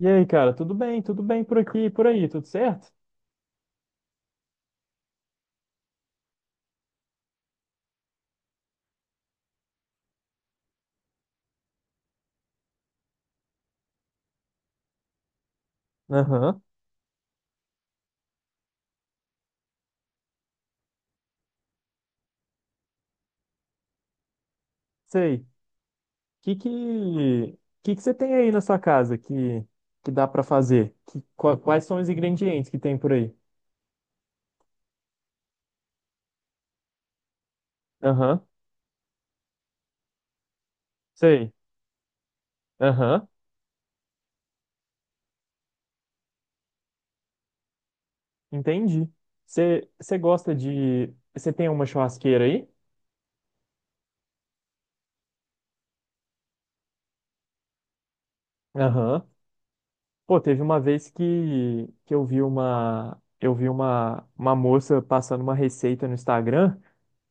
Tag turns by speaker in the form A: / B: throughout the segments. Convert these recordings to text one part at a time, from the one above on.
A: E aí, cara, tudo bem? Tudo bem por aqui, e por aí, tudo certo? Aham, sei. Que que que que você tem aí na sua casa que dá pra fazer? Quais são os ingredientes que tem por aí? Aham, sei. Aham, entendi. Você gosta de você tem uma churrasqueira aí? Aham. Pô, teve uma vez que eu vi uma eu vi uma moça passando uma receita no Instagram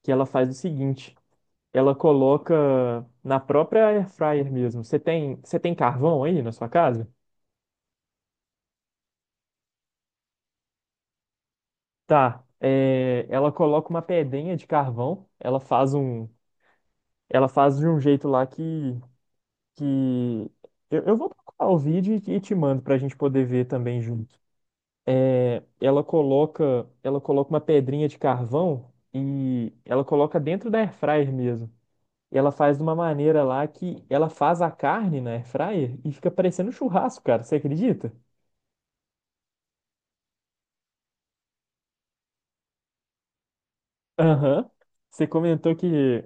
A: que ela faz o seguinte, ela coloca na própria air fryer mesmo. Você tem carvão aí na sua casa? Tá. É, ela coloca uma pedrinha de carvão, ela faz de um jeito lá que... eu vou procurar o vídeo e te mando pra gente poder ver também junto. É, ela coloca, ela coloca uma pedrinha de carvão e ela coloca dentro da air fryer mesmo. E ela faz de uma maneira lá que ela faz a carne na air fryer e fica parecendo um churrasco, cara. Você acredita? Aham. Você comentou que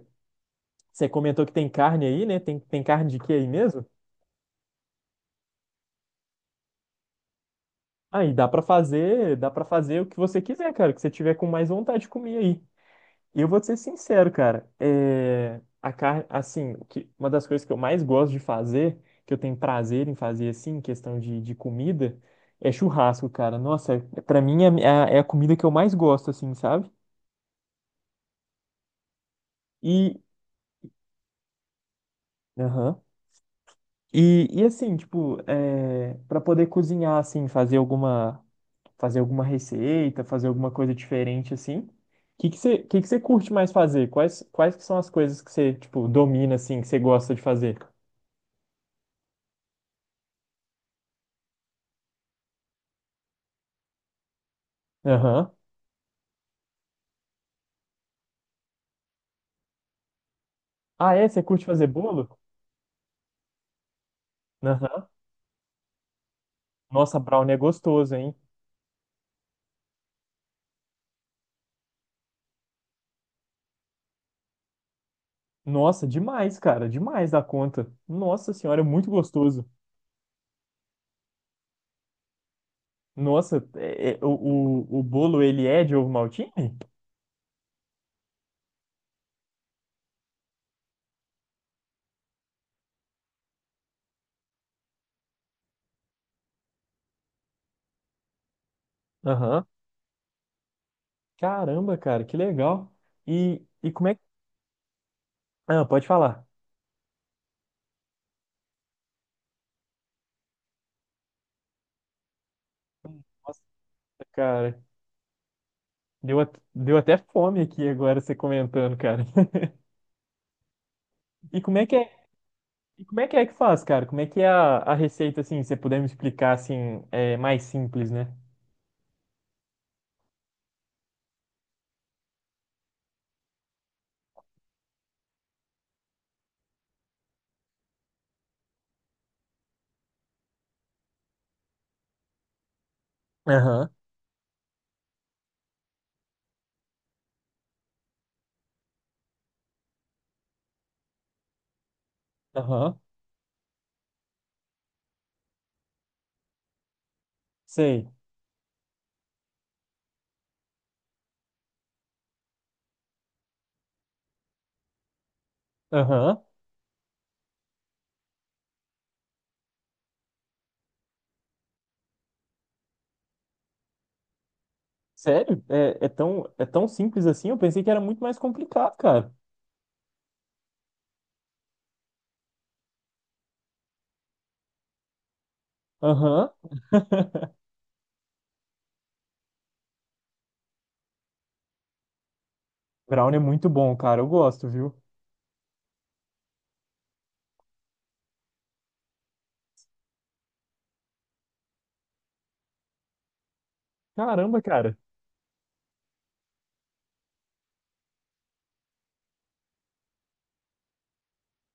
A: você comentou que tem carne aí, né? Tem carne de quê aí mesmo? Aí dá pra fazer, dá para fazer o que você quiser, cara, o que você tiver com mais vontade de comer aí. E eu vou te ser sincero, cara. É, a carne, assim, o que, uma das coisas que eu mais gosto de fazer, que eu tenho prazer em fazer assim, em questão de comida, é churrasco, cara. Nossa, pra mim é, a, é a comida que eu mais gosto, assim, sabe? E aham. E assim, tipo, é, para poder cozinhar, assim, fazer alguma receita, fazer alguma coisa diferente assim. O que que você curte mais fazer? Quais que são as coisas que você, tipo, domina assim, que você gosta de fazer? Aham. Ah, é? Você curte fazer bolo? Aham. Nossa, brownie é gostoso, hein? Nossa, demais, cara, demais da conta. Nossa senhora, é muito gostoso. Nossa, o bolo ele é de ovo maltine? Aham. Caramba, cara, que legal. E como é que. Ah, pode falar. Nossa, cara. Deu, deu até fome aqui agora você comentando, cara. E como é que é, e como é que faz, cara? Como é que é a receita, assim, se você puder me explicar, assim, é mais simples, né? Aham, aham, sei. Aham. Sério? É tão simples assim? Eu pensei que era muito mais complicado, cara. Aham. Brownie é muito bom, cara. Eu gosto, viu? Caramba, cara.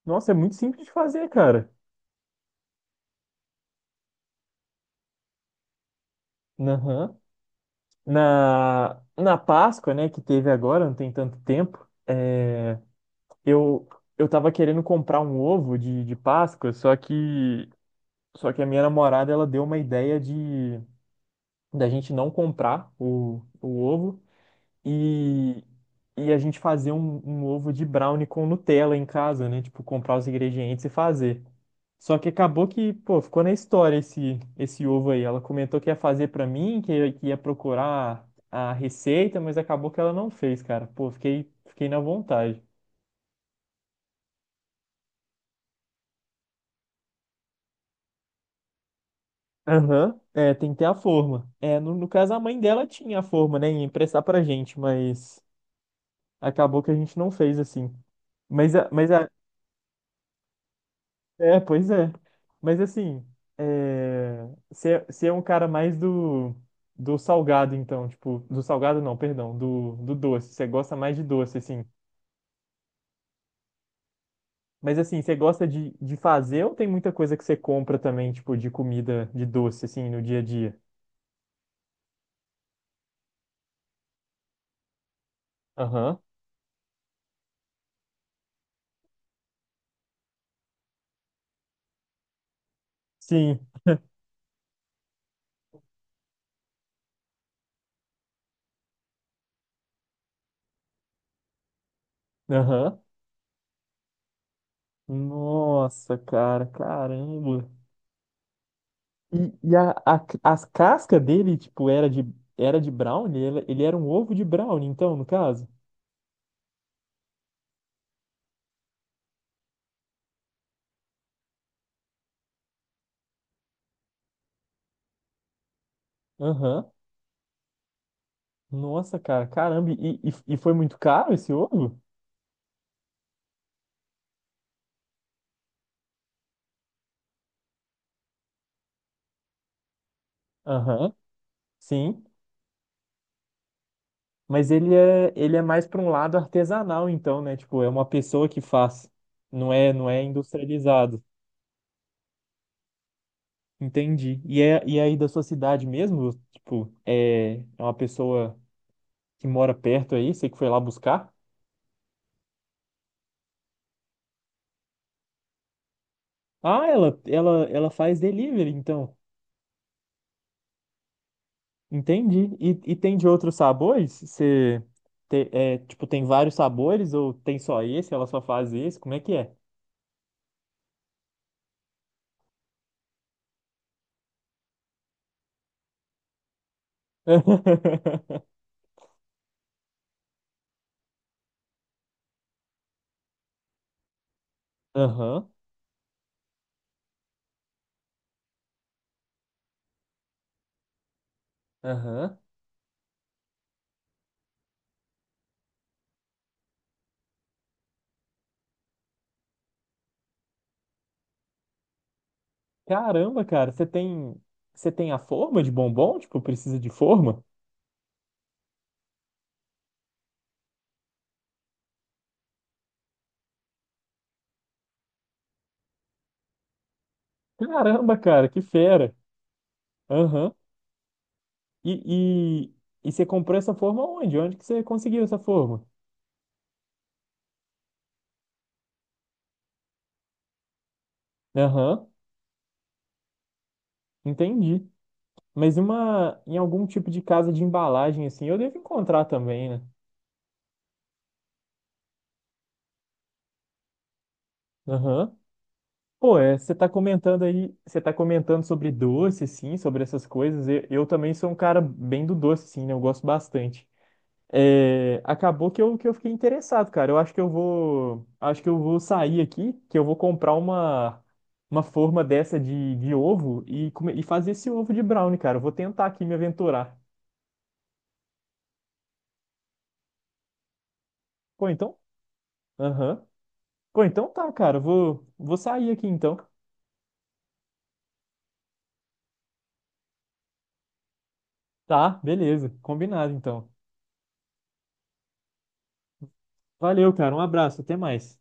A: Nossa, é muito simples de fazer, cara. Aham. Na Páscoa, né, que teve agora, não tem tanto tempo. Eu, eu tava querendo comprar um ovo de Páscoa, só que a minha namorada, ela deu uma ideia de da gente não comprar o ovo e, e a gente fazer um ovo de brownie com Nutella em casa, né? Tipo, comprar os ingredientes e fazer. Só que acabou que, pô, ficou na história esse ovo aí. Ela comentou que ia fazer pra mim, que ia procurar a receita, mas acabou que ela não fez, cara. Pô, fiquei na vontade. Aham, é, tem que ter a forma. É, no caso, a mãe dela tinha a forma, né? Ia emprestar pra gente, mas acabou que a gente não fez assim. Mas, a- mas a, pois é. Mas assim, é, você é um cara mais do, do salgado, então, tipo, do salgado não, perdão, do doce. Você gosta mais de doce, assim. Mas assim, você gosta de fazer ou tem muita coisa que você compra também, tipo, de comida, de doce, assim, no dia a dia? Aham. Sim. Aham. Nossa, cara, caramba. As casca dele, tipo, era de brownie? Ele era um ovo de brownie, então, no caso? Aham. Nossa, cara, caramba. E foi muito caro esse ovo? Aham, sim. Ele é mais para um lado artesanal, então, né? Tipo, é uma pessoa que faz. Não é industrializado. Entendi. E é aí da sua cidade mesmo? Tipo, é uma pessoa que mora perto aí, você que foi lá buscar? Ah, ela faz delivery, então. Entendi. E tem de outros sabores? Tipo, tem vários sabores ou tem só esse? Ela só faz esse? Como é que é? Aham, aham. Caramba, cara, você tem a forma de bombom? Tipo, precisa de forma? Caramba, cara, que fera. Aham. E, e, e você comprou essa forma onde? Onde que você conseguiu essa forma? Aham, entendi. Mas uma, em algum tipo de casa de embalagem, assim, eu devo encontrar também, né? Aham. Pô, é, você tá comentando sobre doce, assim, sobre essas coisas. Eu também sou um cara bem do doce, assim, né? Eu gosto bastante. É, acabou que eu fiquei interessado, cara. Eu acho que eu vou, acho que eu vou sair aqui, que eu vou comprar uma forma dessa de ovo e fazer esse ovo de brownie, cara. Eu vou tentar aqui me aventurar. Pô, então? Aham. Pô, então tá, cara. Eu vou sair aqui então. Tá, beleza. Combinado então. Valeu, cara. Um abraço. Até mais.